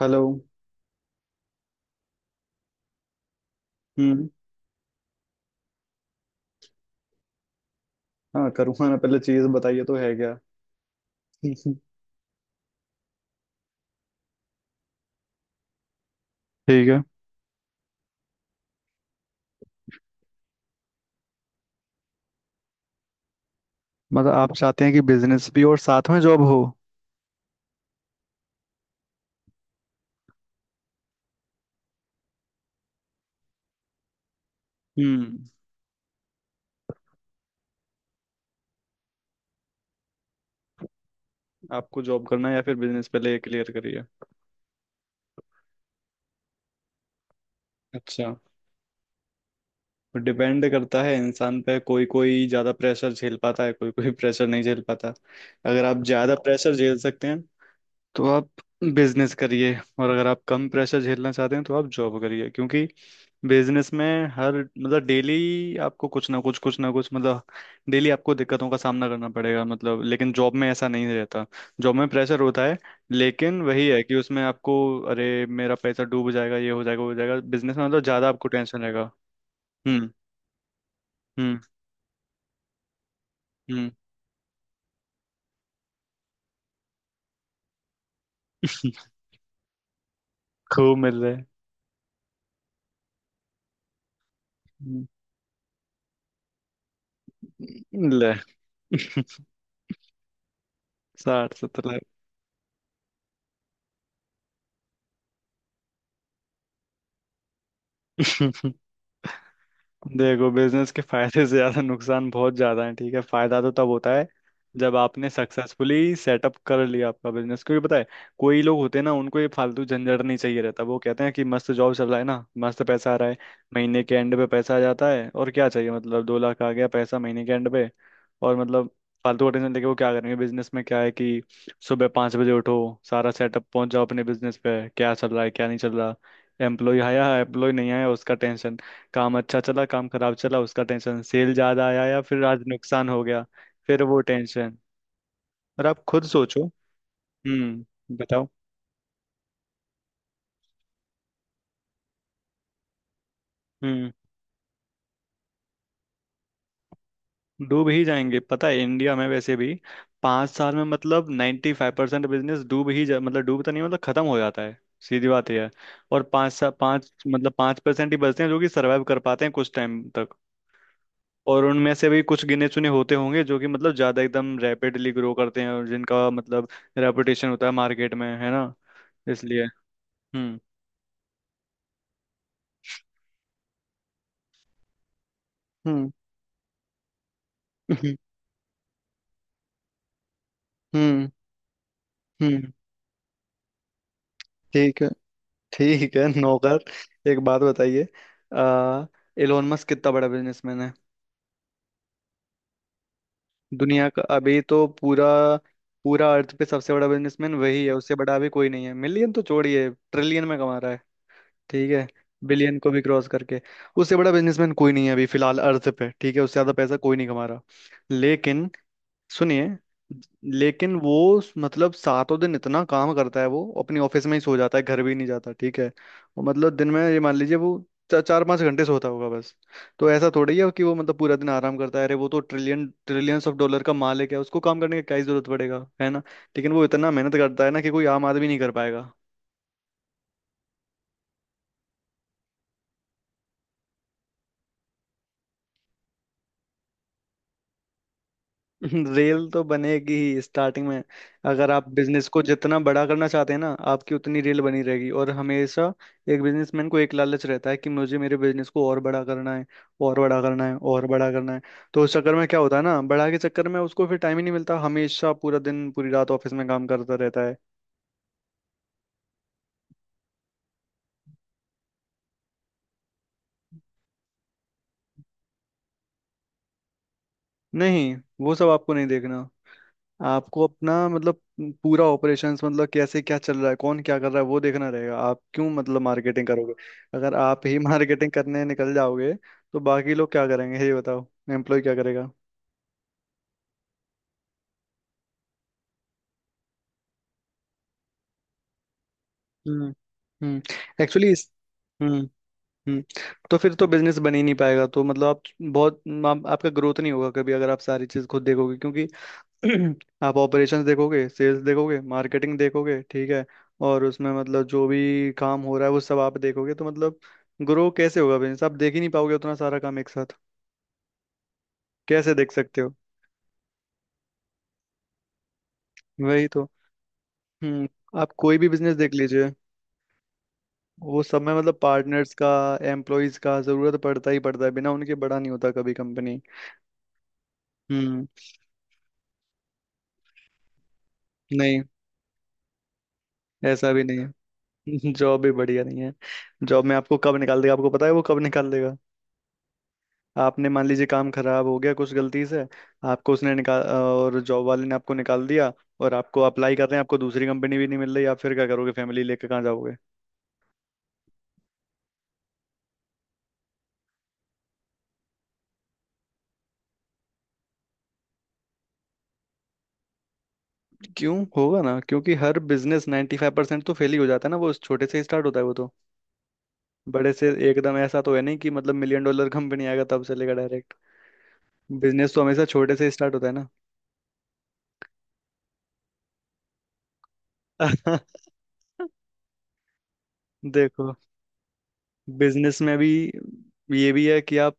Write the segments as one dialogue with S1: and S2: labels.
S1: Hello. हम्म। हाँ, करूँगा ना। पहले चीज़ बताइए, तो है क्या? हम्म। ठीक है। मतलब आप चाहते हैं कि बिजनेस भी और साथ में जॉब हो? हम्म। आपको जॉब करना है या फिर बिजनेस, पहले ये क्लियर करिए। अच्छा। तो डिपेंड करता है इंसान पे। कोई कोई ज़्यादा प्रेशर झेल पाता है, कोई कोई प्रेशर नहीं झेल पाता। अगर आप ज़्यादा प्रेशर झेल सकते हैं तो आप बिजनेस करिए। और अगर आप कम प्रेशर झेलना चाहते हैं तो आप जॉब करिए, क्योंकि बिजनेस में हर मतलब डेली आपको कुछ ना कुछ, कुछ ना कुछ, मतलब डेली आपको दिक्कतों का सामना करना पड़ेगा, मतलब। लेकिन जॉब में ऐसा नहीं रहता। जॉब में प्रेशर होता है, लेकिन वही है कि उसमें आपको। अरे मेरा पैसा डूब जाएगा, ये हो जाएगा, वो हो जाएगा, बिजनेस में मतलब ज़्यादा आपको टेंशन रहेगा। हम्म। हम्म। हम्म। खूब मिल रहा है। हम्म। ले। 60-70 लाख। देखो, बिजनेस के फायदे से ज्यादा नुकसान बहुत ज्यादा है। ठीक है, फायदा तो तब होता है जब आपने सक्सेसफुली सेटअप कर लिया आपका बिजनेस, क्योंकि पता है कोई लोग होते हैं ना, उनको ये फालतू झंझट नहीं चाहिए रहता। वो कहते हैं कि मस्त जॉब चल रहा है ना, मस्त पैसा आ रहा है, महीने के एंड पे पैसा आ जाता है और क्या चाहिए। मतलब 2 लाख आ गया पैसा महीने के एंड पे, और मतलब फालतू का टेंशन लेके वो क्या करेंगे। बिजनेस में क्या है कि सुबह 5 बजे उठो, सारा सेटअप पहुंच जाओ, अपने बिजनेस पे क्या चल रहा है क्या नहीं चल रहा, एम्प्लॉय आया एम्प्लॉय नहीं आया उसका टेंशन, काम अच्छा चला काम खराब चला उसका टेंशन, सेल ज्यादा आया या फिर आज नुकसान हो गया, फिर वो टेंशन। और आप खुद सोचो। हम्म, बताओ। हम्म। डूब ही जाएंगे, पता है इंडिया में वैसे भी 5 साल में मतलब 95% बिजनेस डूब ही जा, मतलब डूबता नहीं, मतलब खत्म हो जाता है। सीधी बात यह है। और पाँच मतलब 5% ही बचते हैं जो कि सर्वाइव कर पाते हैं कुछ टाइम तक। और उनमें से भी कुछ गिने चुने होते होंगे जो कि मतलब ज्यादा एकदम रैपिडली ग्रो करते हैं, और जिनका मतलब रेपुटेशन होता है मार्केट में, है ना। इसलिए। हम्म। हम्म। हम्म। हम्म। हम्म, ठीक है। ठीक है, नौकर। एक बात बताइए। आ एलोन मस्क कितना बड़ा बिजनेसमैन है? दुनिया का अभी तो पूरा। पूरा अर्थ पे सबसे बड़ा बिजनेसमैन वही है, उससे बड़ा अभी कोई नहीं है। मिलियन तो छोड़िए, ट्रिलियन में कमा रहा है। ठीक है। बिलियन को भी क्रॉस करके उससे बड़ा बिजनेसमैन कोई नहीं है अभी फिलहाल अर्थ पे। ठीक है, उससे ज्यादा पैसा कोई नहीं कमा रहा लेकिन। सुनिए। लेकिन वो मतलब सातों दिन इतना काम करता है, वो अपनी ऑफिस में ही सो जाता है, घर भी नहीं जाता ठीक है। वो मतलब दिन में ये मान लीजिए वो 4-5 घंटे सोता होगा बस। तो ऐसा थोड़ी है कि वो मतलब पूरा दिन आराम करता है। अरे वो तो ट्रिलियन ट्रिलियंस ऑफ डॉलर का मालिक है, उसको काम करने की क्या ही जरूरत पड़ेगा, है ना। लेकिन वो इतना मेहनत करता है ना कि कोई आम आदमी नहीं कर पाएगा। रेल तो बनेगी ही स्टार्टिंग में। अगर आप बिजनेस को जितना बड़ा करना चाहते हैं ना, आपकी उतनी रेल बनी रहेगी। और हमेशा एक बिजनेसमैन को एक लालच रहता है कि मुझे मेरे बिजनेस को और बड़ा करना है, और बड़ा करना है, और बड़ा करना है। तो उस चक्कर में क्या होता है ना, बड़ा के चक्कर में उसको फिर टाइम ही नहीं मिलता, हमेशा पूरा दिन पूरी रात ऑफिस में काम करता रहता है। नहीं, वो सब आपको नहीं देखना। आपको अपना मतलब पूरा ऑपरेशंस, मतलब कैसे क्या चल रहा है, कौन क्या कर रहा है वो देखना रहेगा। आप क्यों मतलब मार्केटिंग करोगे? अगर आप ही मार्केटिंग करने निकल जाओगे तो बाकी लोग क्या करेंगे ये बताओ। एम्प्लॉय क्या करेगा? हम्म। हम्म। एक्चुअली इस। हम्म। हम्म। तो फिर तो बिजनेस बन ही नहीं पाएगा, तो मतलब आप बहुत। आपका ग्रोथ नहीं होगा कभी अगर आप सारी चीज खुद देखोगे, क्योंकि आप ऑपरेशंस देखोगे, सेल्स देखोगे, मार्केटिंग देखोगे, ठीक है। और उसमें मतलब जो भी काम हो रहा है वो सब आप देखोगे तो मतलब ग्रो कैसे होगा बिजनेस? आप देख ही नहीं पाओगे उतना सारा काम एक साथ। कैसे देख सकते हो? वही तो। हम्म। आप कोई भी बिजनेस देख लीजिए, वो सब में मतलब पार्टनर्स का एम्प्लॉयज का जरूरत पड़ता ही पड़ता है, बिना उनके बड़ा नहीं होता कभी कंपनी। हम्म। नहीं, ऐसा भी नहीं है। जॉब भी बढ़िया नहीं है। जॉब में आपको कब निकाल देगा आपको पता है, वो कब निकाल देगा। आपने मान लीजिए काम खराब हो गया कुछ गलती से, आपको उसने निकाल, और जॉब वाले ने आपको निकाल दिया। और आपको अप्लाई कर रहे हैं, आपको दूसरी कंपनी भी नहीं मिल रही, आप फिर क्या करोगे? फैमिली लेके कहाँ जाओगे? क्यों होगा ना, क्योंकि हर बिजनेस 95% तो फेल ही हो जाता है ना। वो छोटे से ही स्टार्ट होता है वो तो, बड़े से एकदम ऐसा तो है नहीं कि मतलब मिलियन डॉलर कंपनी आएगा तब चलेगा डायरेक्ट। बिजनेस तो हमेशा छोटे से स्टार्ट होता है ना। देखो, बिजनेस में भी ये भी है कि आप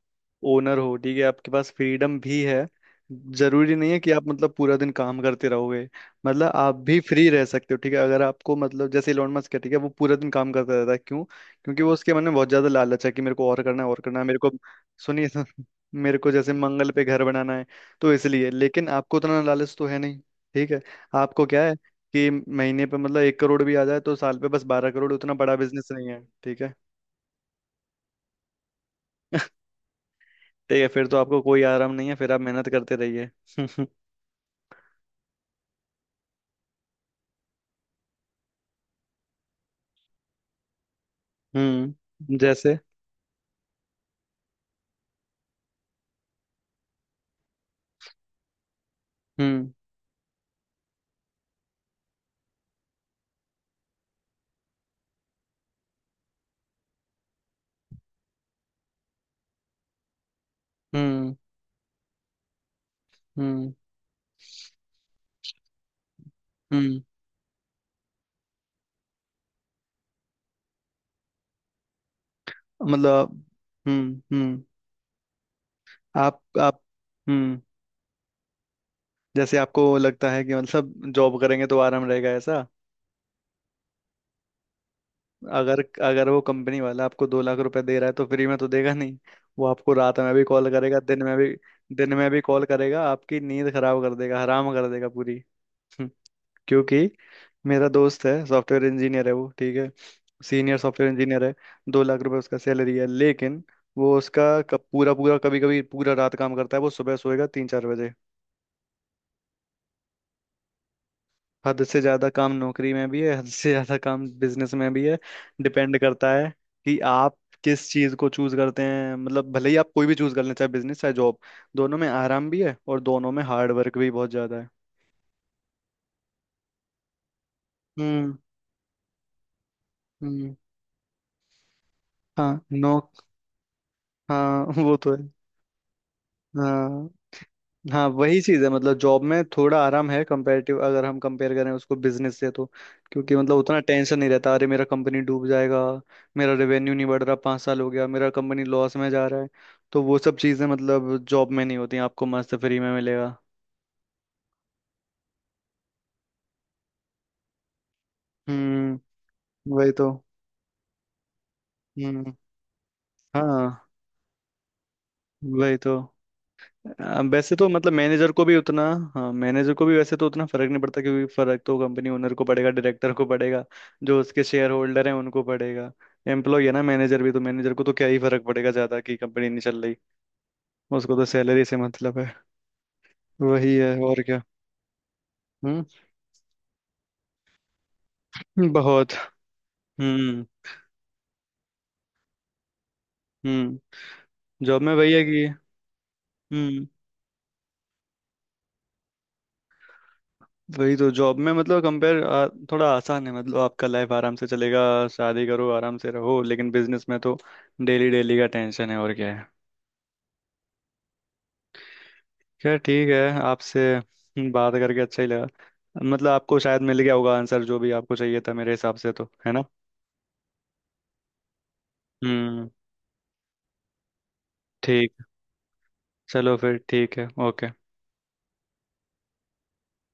S1: ओनर हो, ठीक है, आपके पास फ्रीडम भी है। जरूरी नहीं है कि आप मतलब पूरा दिन काम करते रहोगे, मतलब आप भी फ्री रह सकते हो। ठीक है, अगर आपको मतलब जैसे इलोन मस्क है, ठीक है, वो पूरा दिन काम करता रहता है, क्यों? क्योंकि वो उसके मन में बहुत ज्यादा लालच है कि मेरे को और करना है, और करना है मेरे को। सुनिए। मेरे को जैसे मंगल पे घर बनाना है, तो इसलिए। लेकिन आपको उतना लालच तो है नहीं। ठीक है। आपको क्या है कि महीने पे मतलब 1 करोड़ भी आ जाए तो साल पे बस 12 करोड़, उतना बड़ा बिजनेस नहीं है। ठीक है, ठीक है फिर तो आपको कोई आराम नहीं है, फिर आप मेहनत करते रहिए। हम्म। जैसे। हम्म। हम्म। हम्म। हम्म। मतलब। हम्म। हम्म। आप। हम्म। जैसे आपको लगता है कि मतलब जॉब करेंगे तो आराम रहेगा, ऐसा। अगर अगर वो कंपनी वाला आपको 2 लाख रुपए दे रहा है, तो फ्री में तो देगा नहीं। वो आपको रात में भी कॉल करेगा, दिन में भी। दिन में भी कॉल करेगा, आपकी नींद खराब कर देगा, हराम कर देगा पूरी। क्योंकि मेरा दोस्त है, सॉफ्टवेयर इंजीनियर है वो, ठीक है। सीनियर सॉफ्टवेयर इंजीनियर है। 2 लाख रुपए उसका सैलरी है, लेकिन वो उसका पूरा पूरा, कभी कभी पूरा रात काम करता है, वो सुबह सोएगा 3-4 बजे। हद से ज्यादा काम नौकरी में भी है, हद से ज्यादा काम बिजनेस में भी है। डिपेंड करता है कि आप किस चीज को चूज करते हैं। मतलब भले ही आप कोई भी चूज कर लें, चाहे बिजनेस चाहे जॉब, दोनों में आराम भी है और दोनों में हार्ड वर्क भी बहुत ज्यादा है। हम्म। हम्म। हाँ नो। हाँ वो तो है। हाँ, हाँ वही चीज है, मतलब जॉब में थोड़ा आराम है, कंपैरेटिव अगर हम कंपेयर करें उसको बिजनेस से तो, क्योंकि मतलब उतना टेंशन नहीं रहता। अरे मेरा कंपनी डूब जाएगा, मेरा रेवेन्यू नहीं बढ़ रहा, 5 साल हो गया मेरा कंपनी लॉस में जा रहा है, तो वो सब चीजें मतलब जॉब में नहीं होती, आपको मस्त फ्री में मिलेगा। हम्म। वही तो। हम्म। हाँ वही तो। वैसे तो मतलब मैनेजर को भी उतना। हाँ मैनेजर को भी वैसे तो उतना फर्क नहीं पड़ता, क्योंकि फर्क तो कंपनी ओनर को पड़ेगा, डायरेक्टर को पड़ेगा, जो उसके शेयर होल्डर हैं उनको पड़ेगा। एम्प्लॉय है ना मैनेजर भी, तो मैनेजर को तो क्या ही फर्क पड़ेगा ज्यादा कि कंपनी नहीं चल रही। उसको तो सैलरी से मतलब है। वही है और क्या। हम्म। बहुत। हम्म। हम्म। जॉब में वही है कि। हम्म। वही तो। जॉब में मतलब कंपेयर थोड़ा आसान है, मतलब आपका लाइफ आराम से चलेगा, शादी करो आराम से रहो, लेकिन बिजनेस में तो डेली डेली का टेंशन है, और क्या है। क्या, ठीक है। आपसे बात करके अच्छा ही लगा। मतलब आपको शायद मिल गया होगा आंसर जो भी आपको चाहिए था, मेरे हिसाब से तो, है ना। हम्म। ठीक। चलो, फिर ठीक है। ओके।